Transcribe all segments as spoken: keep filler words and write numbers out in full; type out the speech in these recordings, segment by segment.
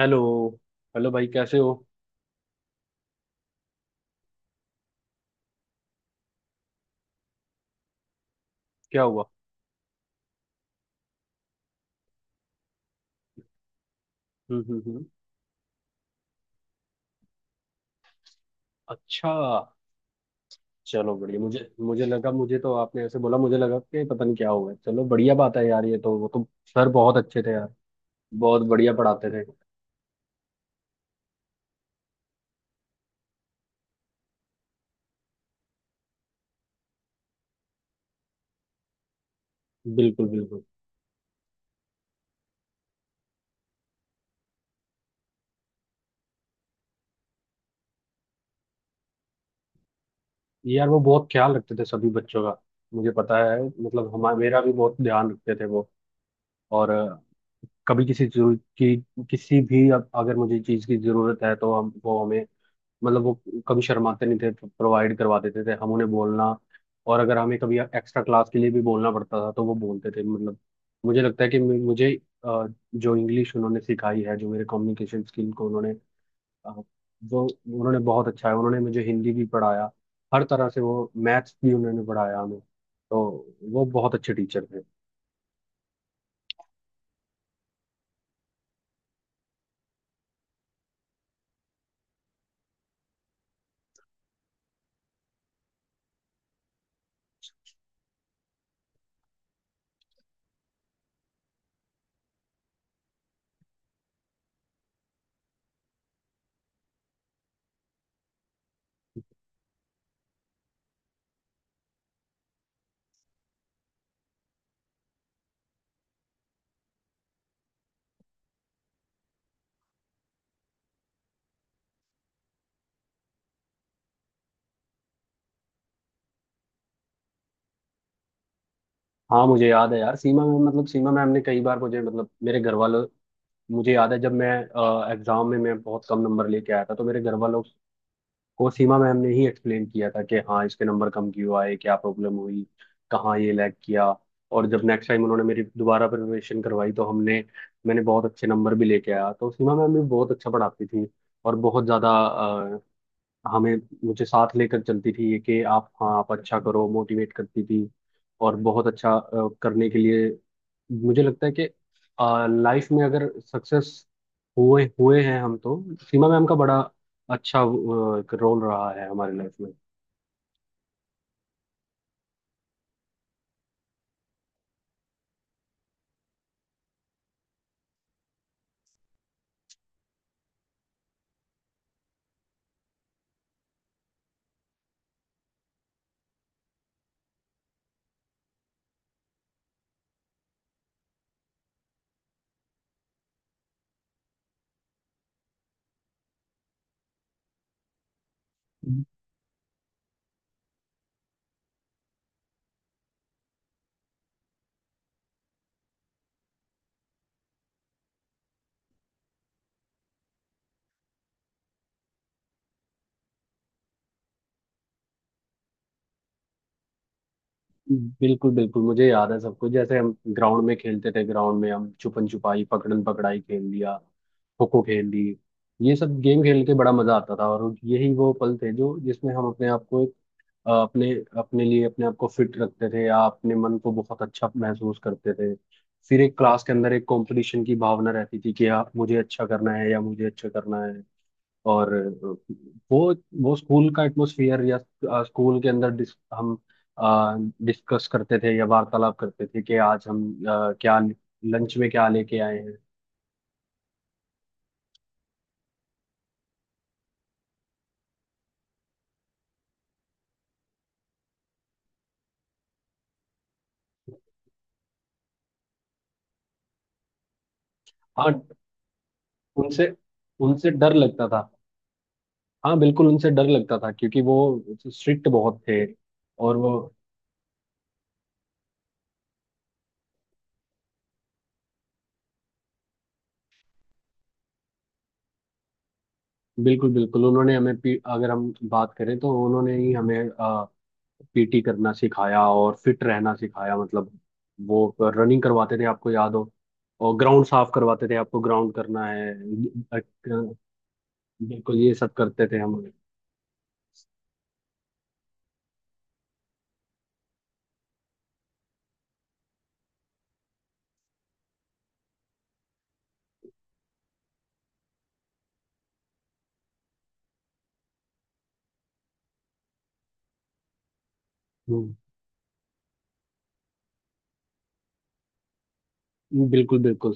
Hello. Hello भाई, कैसे हो। क्या हुआ? हम्म, हम्म, हम्म। अच्छा। चलो, बढ़िया। मुझे मुझे लगा, मुझे तो आपने ऐसे बोला, मुझे लगा कि पता नहीं क्या हुआ है। चलो, बढ़िया बात है यार, ये तो, वो तो। सर बहुत अच्छे थे यार। बहुत बढ़िया पढ़ाते थे। बिल्कुल, बिल्कुल। यार, वो बहुत ख्याल रखते थे सभी बच्चों का। मुझे पता है, मतलब, हमारा, मेरा भी बहुत ध्यान रखते थे वो। और अ, कभी किसी जरूरत की, किसी भी, अब अगर मुझे चीज़ की जरूरत है तो हम, वो, हमें, मतलब वो कभी शर्माते नहीं थे, प्रोवाइड करवा देते थे, हम उन्हें बोलना। और अगर हमें कभी एक्स्ट्रा क्लास के लिए भी बोलना पड़ता था तो वो बोलते थे, मतलब। मुझे लगता है कि मु- मुझे, अ, जो इंग्लिश उन्होंने सिखाई है, जो मेरे कम्युनिकेशन स्किल को उन्होंने अ, वो, उन्होंने बहुत अच्छा है, उन्होंने मुझे हिंदी भी पढ़ाया। हर तरह से, वो मैथ्स भी उन्होंने पढ़ाया हमें तो। वो बहुत अच्छे टीचर थे। हाँ, मुझे याद है यार। सीमा मैम, मतलब, सीमा मैम ने कई बार मुझे, मतलब, मेरे घर वालों। मुझे याद है जब मैं एग्जाम में मैं बहुत कम नंबर लेके आया था तो मेरे घर वालों कोसीमा मैम ने ही एक्सप्लेन किया था कि हाँ, इसके नंबर कम क्यों आए, क्या प्रॉब्लम हुई, कहाँ ये लैग किया। और जब नेक्स्ट टाइम उन्होंने मेरी दोबारा प्रिपरेशन करवाई तो हमने, मैंने बहुत अच्छे नंबर भी लेके आया। तो सीमा मैम भी बहुत अच्छा पढ़ाती थी। और बहुत ज़्यादा अ, हमें, मुझे साथ लेकर चलती थी ये कि आप, हाँ, आप अच्छा करो, मोटिवेट करती थी। और बहुत अच्छा अ, करने के लिए, मुझे लगता है कि लाइफ में अगर सक्सेस हुए हुए हैं हम तो सीमा मैम का बड़ा अच्छा अ, एक रोल रहा है हमारे लाइफ में। बिल्कुल, बिल्कुल। मुझे याद है सब कुछ, जैसे हम ग्राउंड में खेलते थे। ग्राउंड में हम छुपन छुपाई, पकड़न पकड़ाई खेल लिया, खो खो खेल ली। ये सब गेम खेल के बड़ा मजा आता था। और यही वो पल थे जो, जिसमें हम अपने आप को, अ, अपने, अपने लिए अपने आप को फिट रखते थे, या अपने मन को बहुत अच्छा महसूस करते थे। फिर एक क्लास के अंदर एक कंपटीशन की भावना रहती थी कि हाँ, मुझे अच्छा करना है या मुझे अच्छा करना है। और अ, वो वो स्कूल का एटमोसफियर या अ, स्कूल के अंदर डिस, हम डिस्कस करते थे या वार्तालाप करते थे कि आज हम अ, क्या लंच में क्या लेके आए हैं। हाँ, उनसे उनसे डर लगता था। हाँ, बिल्कुल उनसे डर लगता था, क्योंकि वो स्ट्रिक्ट बहुत थे। और वो, बिल्कुल, बिल्कुल। उन्होंने हमें पी, अगर हम बात करें तो उन्होंने ही हमें पीटी करना सिखाया और फिट रहना सिखाया, मतलब वो रनिंग करवाते थे, आपको याद हो? और ग्राउंड साफ करवाते थे, आपको ग्राउंड करना है, अ, बिल्कुल, ये सब करते थे हम। हम्म। बिल्कुल, बिल्कुल।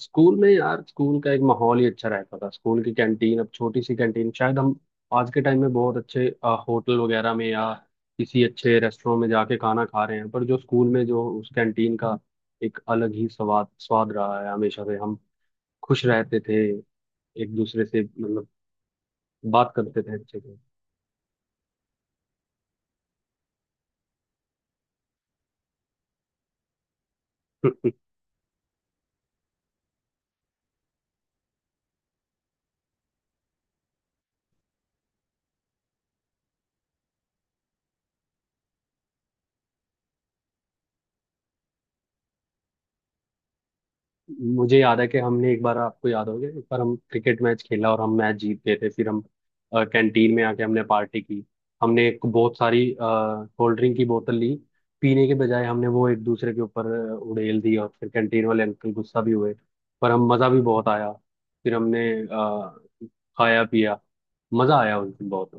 स्कूल में यार, स्कूल का एक माहौल ही अच्छा रहता था। स्कूल की कैंटीन, अब छोटी सी कैंटीन, शायद हम आज के टाइम में बहुत अच्छे अ, होटल वगैरह में या किसी अच्छे रेस्टोरेंट में जाके खाना खा रहे हैं, पर जो स्कूल में, जो उस कैंटीन का एक अलग ही स्वाद स्वाद रहा है हमेशा से। हम खुश रहते थे, एक दूसरे से, मतलब, बात करते थे अच्छे से। मुझे याद है कि हमने एक बार, आपको याद होगा, एक बार हम क्रिकेट मैच खेला और हम मैच जीत गए थे, फिर हम कैंटीन में आके हमने पार्टी की। हमने एक बहुत सारी कोल्ड ड्रिंक की बोतल ली, पीने के बजाय हमने वो एक दूसरे के ऊपर अ, उड़ेल दी, और फिर कैंटीन वाले अंकल गुस्सा भी हुए, पर हम, मज़ा भी बहुत आया। फिर हमने अ, खाया पिया, मज़ा आया उस दिन बहुत।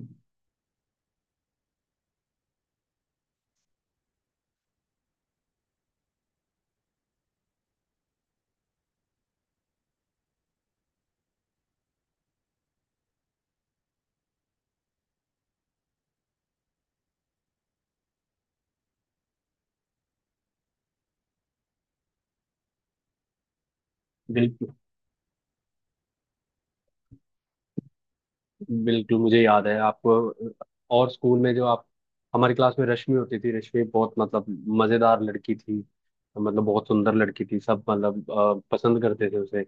बिल्कुल, बिल्कुल। मुझे याद है, आपको। और स्कूल में जो आप, हमारी क्लास में रश्मि होती थी। रश्मि बहुत, मतलब, मजेदार लड़की थी, मतलब बहुत सुंदर लड़की थी, सब मतलब अ, पसंद करते थे उसे।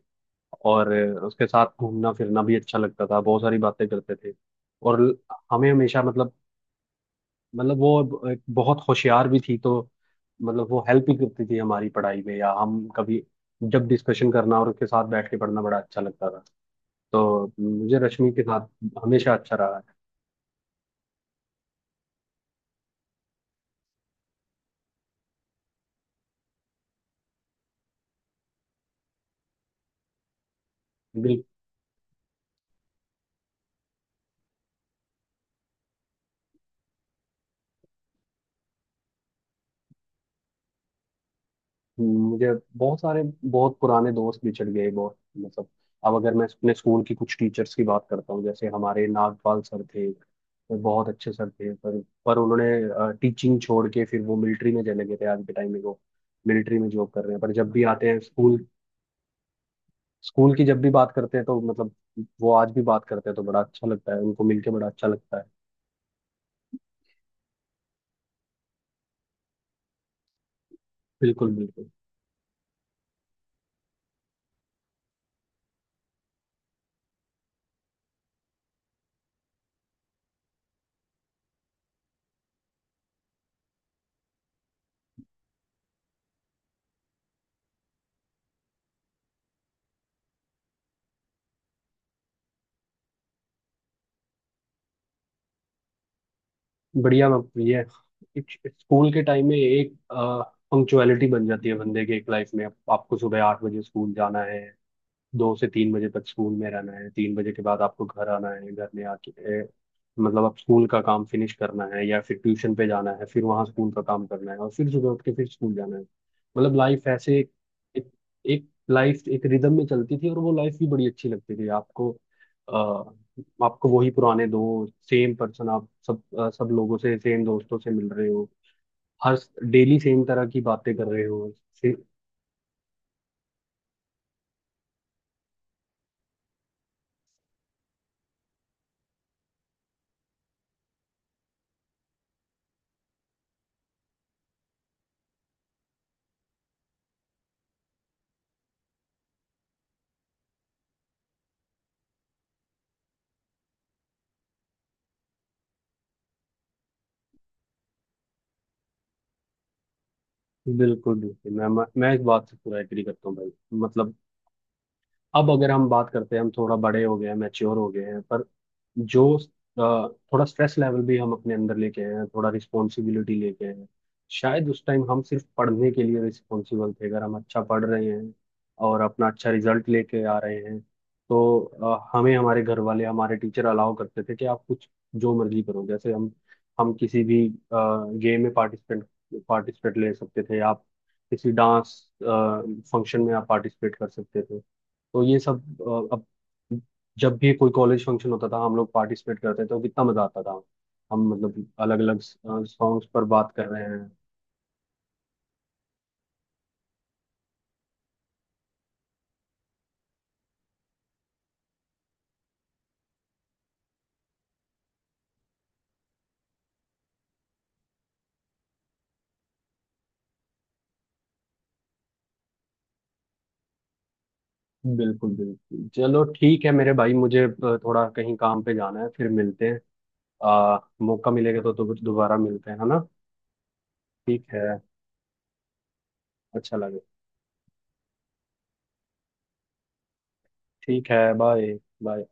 और अ, उसके साथ घूमना फिरना भी अच्छा लगता था, बहुत सारी बातें करते थे। और ल- हमें हमेशा, मतलब, मतलब वो एक बहुत होशियार भी थी, तो, मतलब वो हेल्प भी करती थी हमारी पढ़ाई में, या हम कभी जब डिस्कशन करना और उसके साथ बैठ के पढ़ना बड़ा अच्छा लगता था। तो मुझे रश्मि के साथ हमेशा अच्छा रहा है। हम्म, मुझे बहुत सारे, बहुत पुराने दोस्त भी चढ़ गए बहुत, मतलब, अब अगर मैं अपने स्कूल की कुछ टीचर्स की बात करता हूँ, जैसे हमारे नागपाल सर थे, वो बहुत अच्छे सर थे, पर पर उन्होंने टीचिंग छोड़ के फिर वो मिलिट्री में चले गए थे। आज के टाइम में वो मिलिट्री में जॉब कर रहे हैं, पर जब भी आते हैं स्कूल, स्कूल की जब भी बात करते हैं तो, मतलब, वो आज भी बात करते हैं तो बड़ा अच्छा लगता है, उनको मिलके बड़ा अच्छा लगता है। बिल्कुल, बिल्कुल। बढ़िया बात हुई है। एक स्कूल के टाइम में एक पंक्चुअलिटी बन जाती है बंदे के एक लाइफ में। आपको सुबह आठ बजे स्कूल जाना है, दो से तीन बजे तक स्कूल में रहना है, तीन बजे के बाद आपको घर आना है, घर में आके अ, मतलब आप स्कूल का काम फिनिश करना है, या फिर ट्यूशन पे जाना है, फिर वहाँ स्कूल का काम करना है और फिर सुबह उठ के फिर स्कूल जाना है। मतलब लाइफ ऐसे, एक, एक लाइफ एक रिदम में चलती थी और वो लाइफ भी बड़ी अच्छी लगती थी आपको। अ, आपको वही पुराने दोस्त, सेम पर्सन, आप सब अ, सब लोगों से, सेम दोस्तों से मिल रहे हो, हर डेली सेम तरह की बातें कर रहे हो से, बिल्कुल, बिल्कुल। मैं मैं मैं इस बात से पूरा एग्री करता हूँ भाई। मतलब, अब अगर हम बात करते हैं, हम थोड़ा बड़े हो गए हैं, मैच्योर हो गए हैं, पर जो अ, थोड़ा स्ट्रेस लेवल भी हम अपने अंदर लेके आए हैं, थोड़ा रिस्पॉन्सिबिलिटी लेके आए हैं। शायद उस टाइम हम सिर्फ पढ़ने के लिए रिस्पॉन्सिबल थे, अगर हम अच्छा पढ़ रहे हैं और अपना अच्छा रिजल्ट लेके आ रहे हैं, तो अ, हमें, हमारे घर वाले, हमारे टीचर अलाउ करते थे कि आप कुछ जो मर्जी करो। जैसे हम, हम किसी भी गेम में पार्टिसिपेंट पार्टिसिपेट ले सकते थे। आप किसी डांस फंक्शन में आप पार्टिसिपेट कर सकते थे। तो ये सब अ, अब जब भी कोई कॉलेज फंक्शन होता था हम लोग पार्टिसिपेट करते थे, तो कितना मजा आता था। हम, मतलब, अलग अलग सॉन्ग्स पर बात कर रहे हैं। बिल्कुल, बिल्कुल। चलो ठीक है मेरे भाई, मुझे अ, थोड़ा कहीं काम पे जाना है, फिर मिलते हैं। आ, मौका मिलेगा तो दो- दोबारा मिलते हैं, है ना? ठीक है। अच्छा लगे। ठीक है। बाय। बाय।